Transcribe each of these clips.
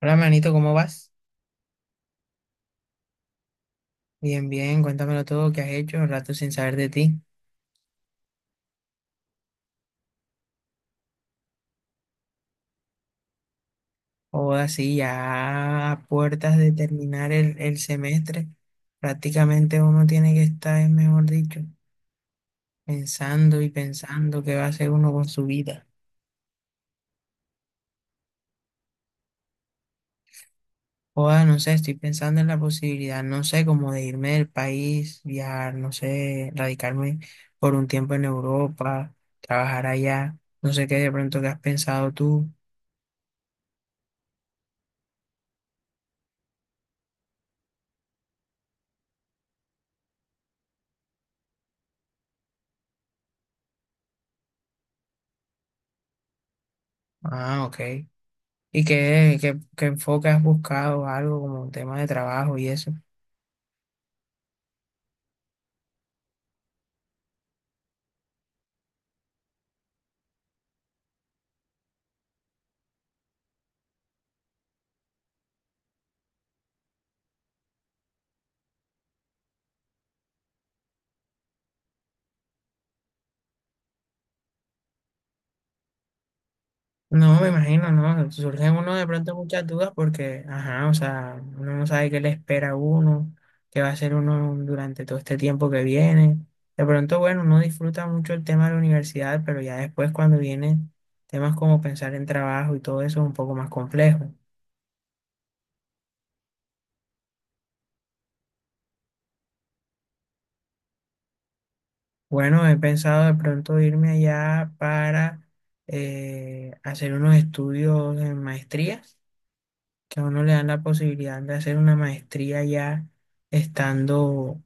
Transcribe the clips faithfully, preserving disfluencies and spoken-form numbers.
Hola, manito, ¿cómo vas? Bien, bien, cuéntamelo todo, ¿qué has hecho? Un rato sin saber de ti. O así, ya a puertas de terminar el, el semestre, prácticamente uno tiene que estar, mejor dicho, pensando y pensando qué va a hacer uno con su vida. Joda, no sé, estoy pensando en la posibilidad, no sé, como de irme del país, viajar, no sé, radicarme por un tiempo en Europa, trabajar allá, no sé qué de pronto que has pensado tú. Ah, ok. ¿Y qué, qué, qué enfoque has buscado? Algo como un tema de trabajo y eso. No, me imagino, ¿no? Surgen uno de pronto muchas dudas porque, ajá, o sea, uno no sabe qué le espera a uno, qué va a hacer uno durante todo este tiempo que viene. De pronto, bueno, uno disfruta mucho el tema de la universidad, pero ya después cuando vienen temas como pensar en trabajo y todo eso es un poco más complejo. Bueno, he pensado de pronto irme allá para eh, hacer unos estudios en maestrías que a uno le dan la posibilidad de hacer una maestría ya estando,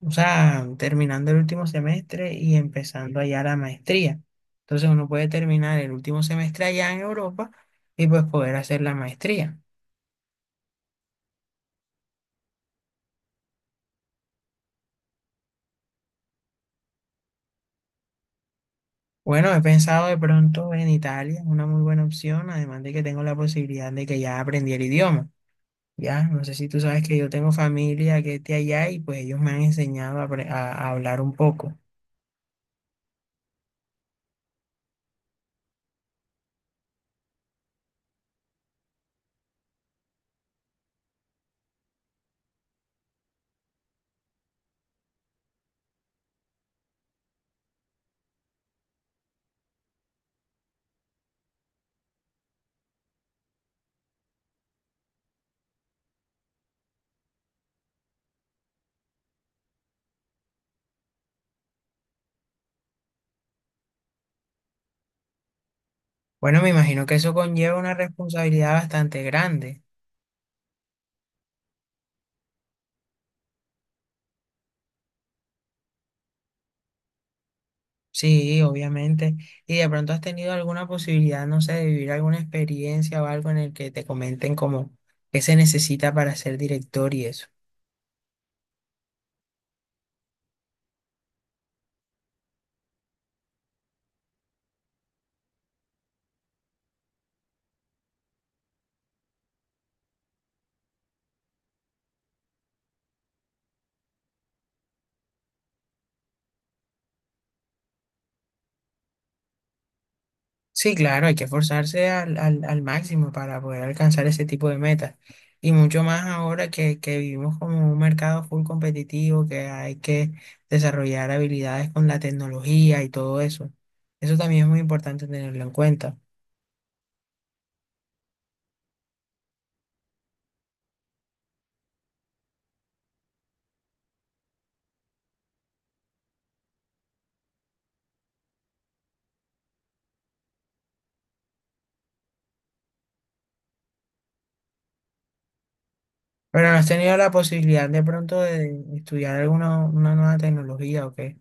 o sea, terminando el último semestre y empezando allá la maestría. Entonces uno puede terminar el último semestre allá en Europa y pues poder hacer la maestría. Bueno, he pensado de pronto en Italia, es una muy buena opción, además de que tengo la posibilidad de que ya aprendí el idioma. Ya, no sé si tú sabes que yo tengo familia que es de allá y pues ellos me han enseñado a, apre- a a hablar un poco. Bueno, me imagino que eso conlleva una responsabilidad bastante grande. Sí, obviamente. Y de pronto has tenido alguna posibilidad, no sé, de vivir alguna experiencia o algo en el que te comenten como qué se necesita para ser director y eso. Sí, claro, hay que esforzarse al, al, al máximo para poder alcanzar ese tipo de metas. Y mucho más ahora que, que vivimos como un mercado full competitivo, que hay que desarrollar habilidades con la tecnología y todo eso. Eso también es muy importante tenerlo en cuenta. Pero no has tenido la posibilidad de pronto de estudiar alguna una nueva tecnología o qué.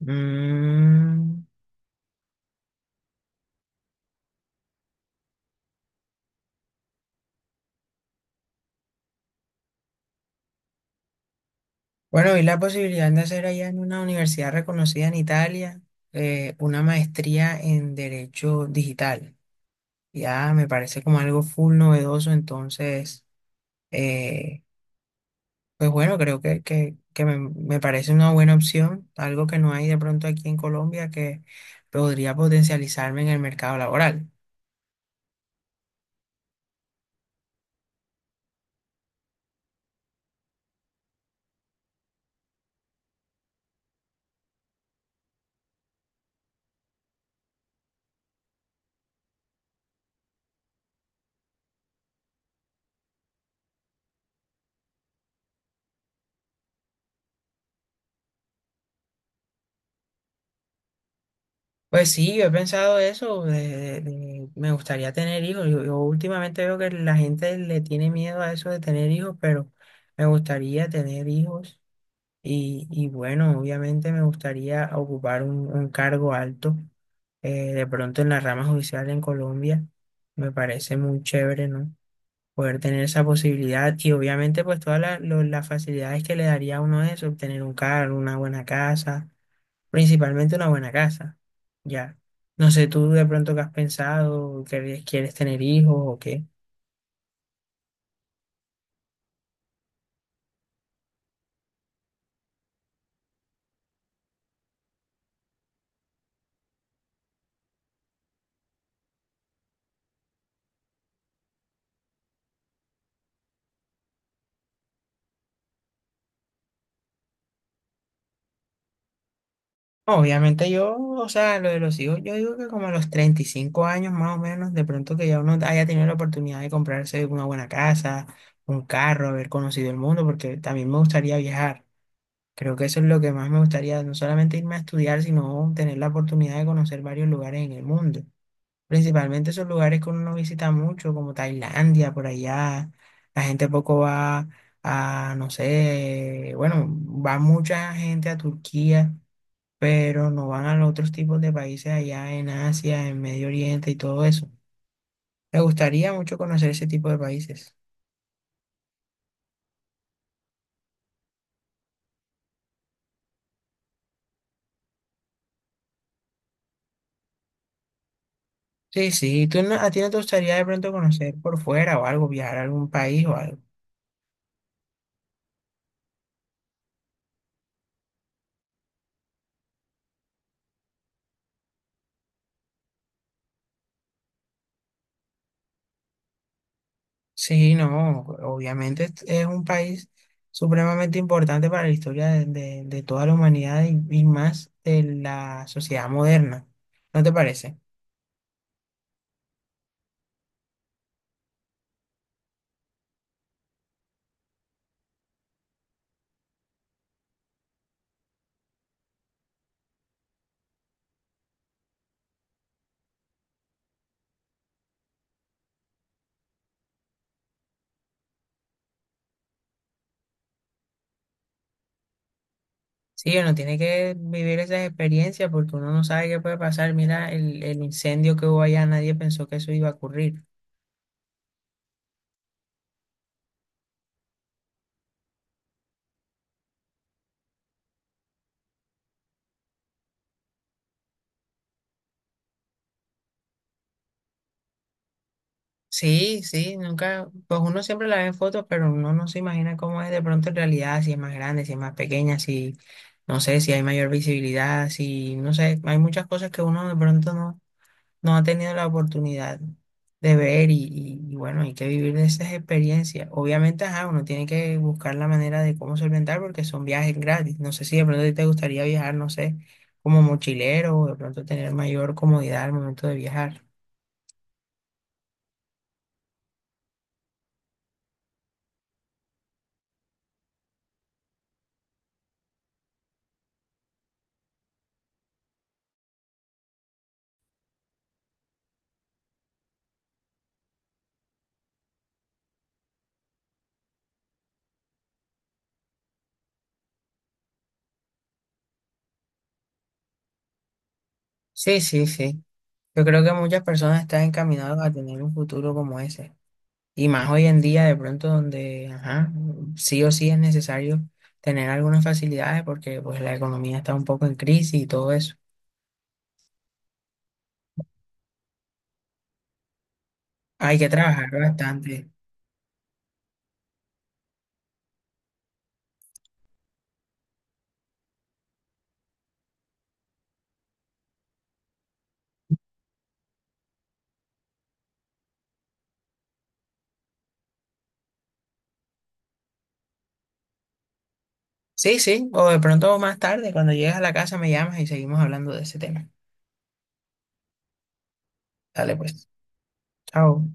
Mm. Bueno, vi la posibilidad de hacer allá en una universidad reconocida en Italia eh, una maestría en Derecho Digital. Ya me parece como algo full novedoso, entonces, eh, pues bueno, creo que, que, que me, me parece una buena opción, algo que no hay de pronto aquí en Colombia que podría potencializarme en el mercado laboral. Pues sí, yo he pensado eso, de- de- de- me gustaría tener hijos. Yo, yo últimamente veo que la gente le tiene miedo a eso de tener hijos, pero me gustaría tener hijos y, y bueno, obviamente me gustaría ocupar un, un cargo alto, eh, de pronto en la rama judicial en Colombia. Me parece muy chévere, ¿no? Poder tener esa posibilidad y obviamente pues todas la- lo- las facilidades que le daría a uno eso, obtener un cargo, una buena casa. Principalmente una buena casa, ya. No sé tú de pronto qué has pensado, que quieres tener hijos o qué. Obviamente yo, o sea, lo de los hijos, yo digo que como a los treinta y cinco años más o menos, de pronto que ya uno haya tenido la oportunidad de comprarse una buena casa, un carro, haber conocido el mundo, porque también me gustaría viajar. Creo que eso es lo que más me gustaría, no solamente irme a estudiar, sino tener la oportunidad de conocer varios lugares en el mundo. Principalmente esos lugares que uno no visita mucho, como Tailandia, por allá. La gente poco va a, no sé, bueno, va mucha gente a Turquía, pero no van a los otros tipos de países allá en Asia, en Medio Oriente y todo eso. Me gustaría mucho conocer ese tipo de países. Sí, sí, ¿tú no- a ti no te gustaría de pronto conocer por fuera o algo, viajar a algún país o algo? Sí, no, obviamente es es un país supremamente importante para la historia de, de- de toda la humanidad y, y más de la sociedad moderna, ¿no te parece? Sí, uno tiene que vivir esas experiencias porque uno no sabe qué puede pasar. Mira, el, el incendio que hubo allá, nadie pensó que eso iba a ocurrir. Sí, sí, nunca, pues uno siempre la ve en fotos, pero uno no se imagina cómo es de pronto en realidad, si es más grande, si es más pequeña, si... No sé si hay mayor visibilidad, si no sé, hay muchas cosas que uno de pronto no, no ha tenido la oportunidad de ver y, y- y bueno, hay que vivir de esas experiencias. Obviamente, ajá, uno tiene que buscar la manera de cómo solventar porque son viajes gratis. No sé si de pronto a ti te gustaría viajar, no sé, como mochilero o de pronto tener mayor comodidad al momento de viajar. Sí, sí, sí. Yo creo que muchas personas están encaminadas a tener un futuro como ese. Y más hoy en día, de pronto, donde, ajá, sí o sí es necesario tener algunas facilidades porque pues la economía está un poco en crisis y todo eso. Hay que trabajar bastante. Sí, sí, o de pronto más tarde, cuando llegues a la casa me llamas y seguimos hablando de ese tema. Dale pues, chao.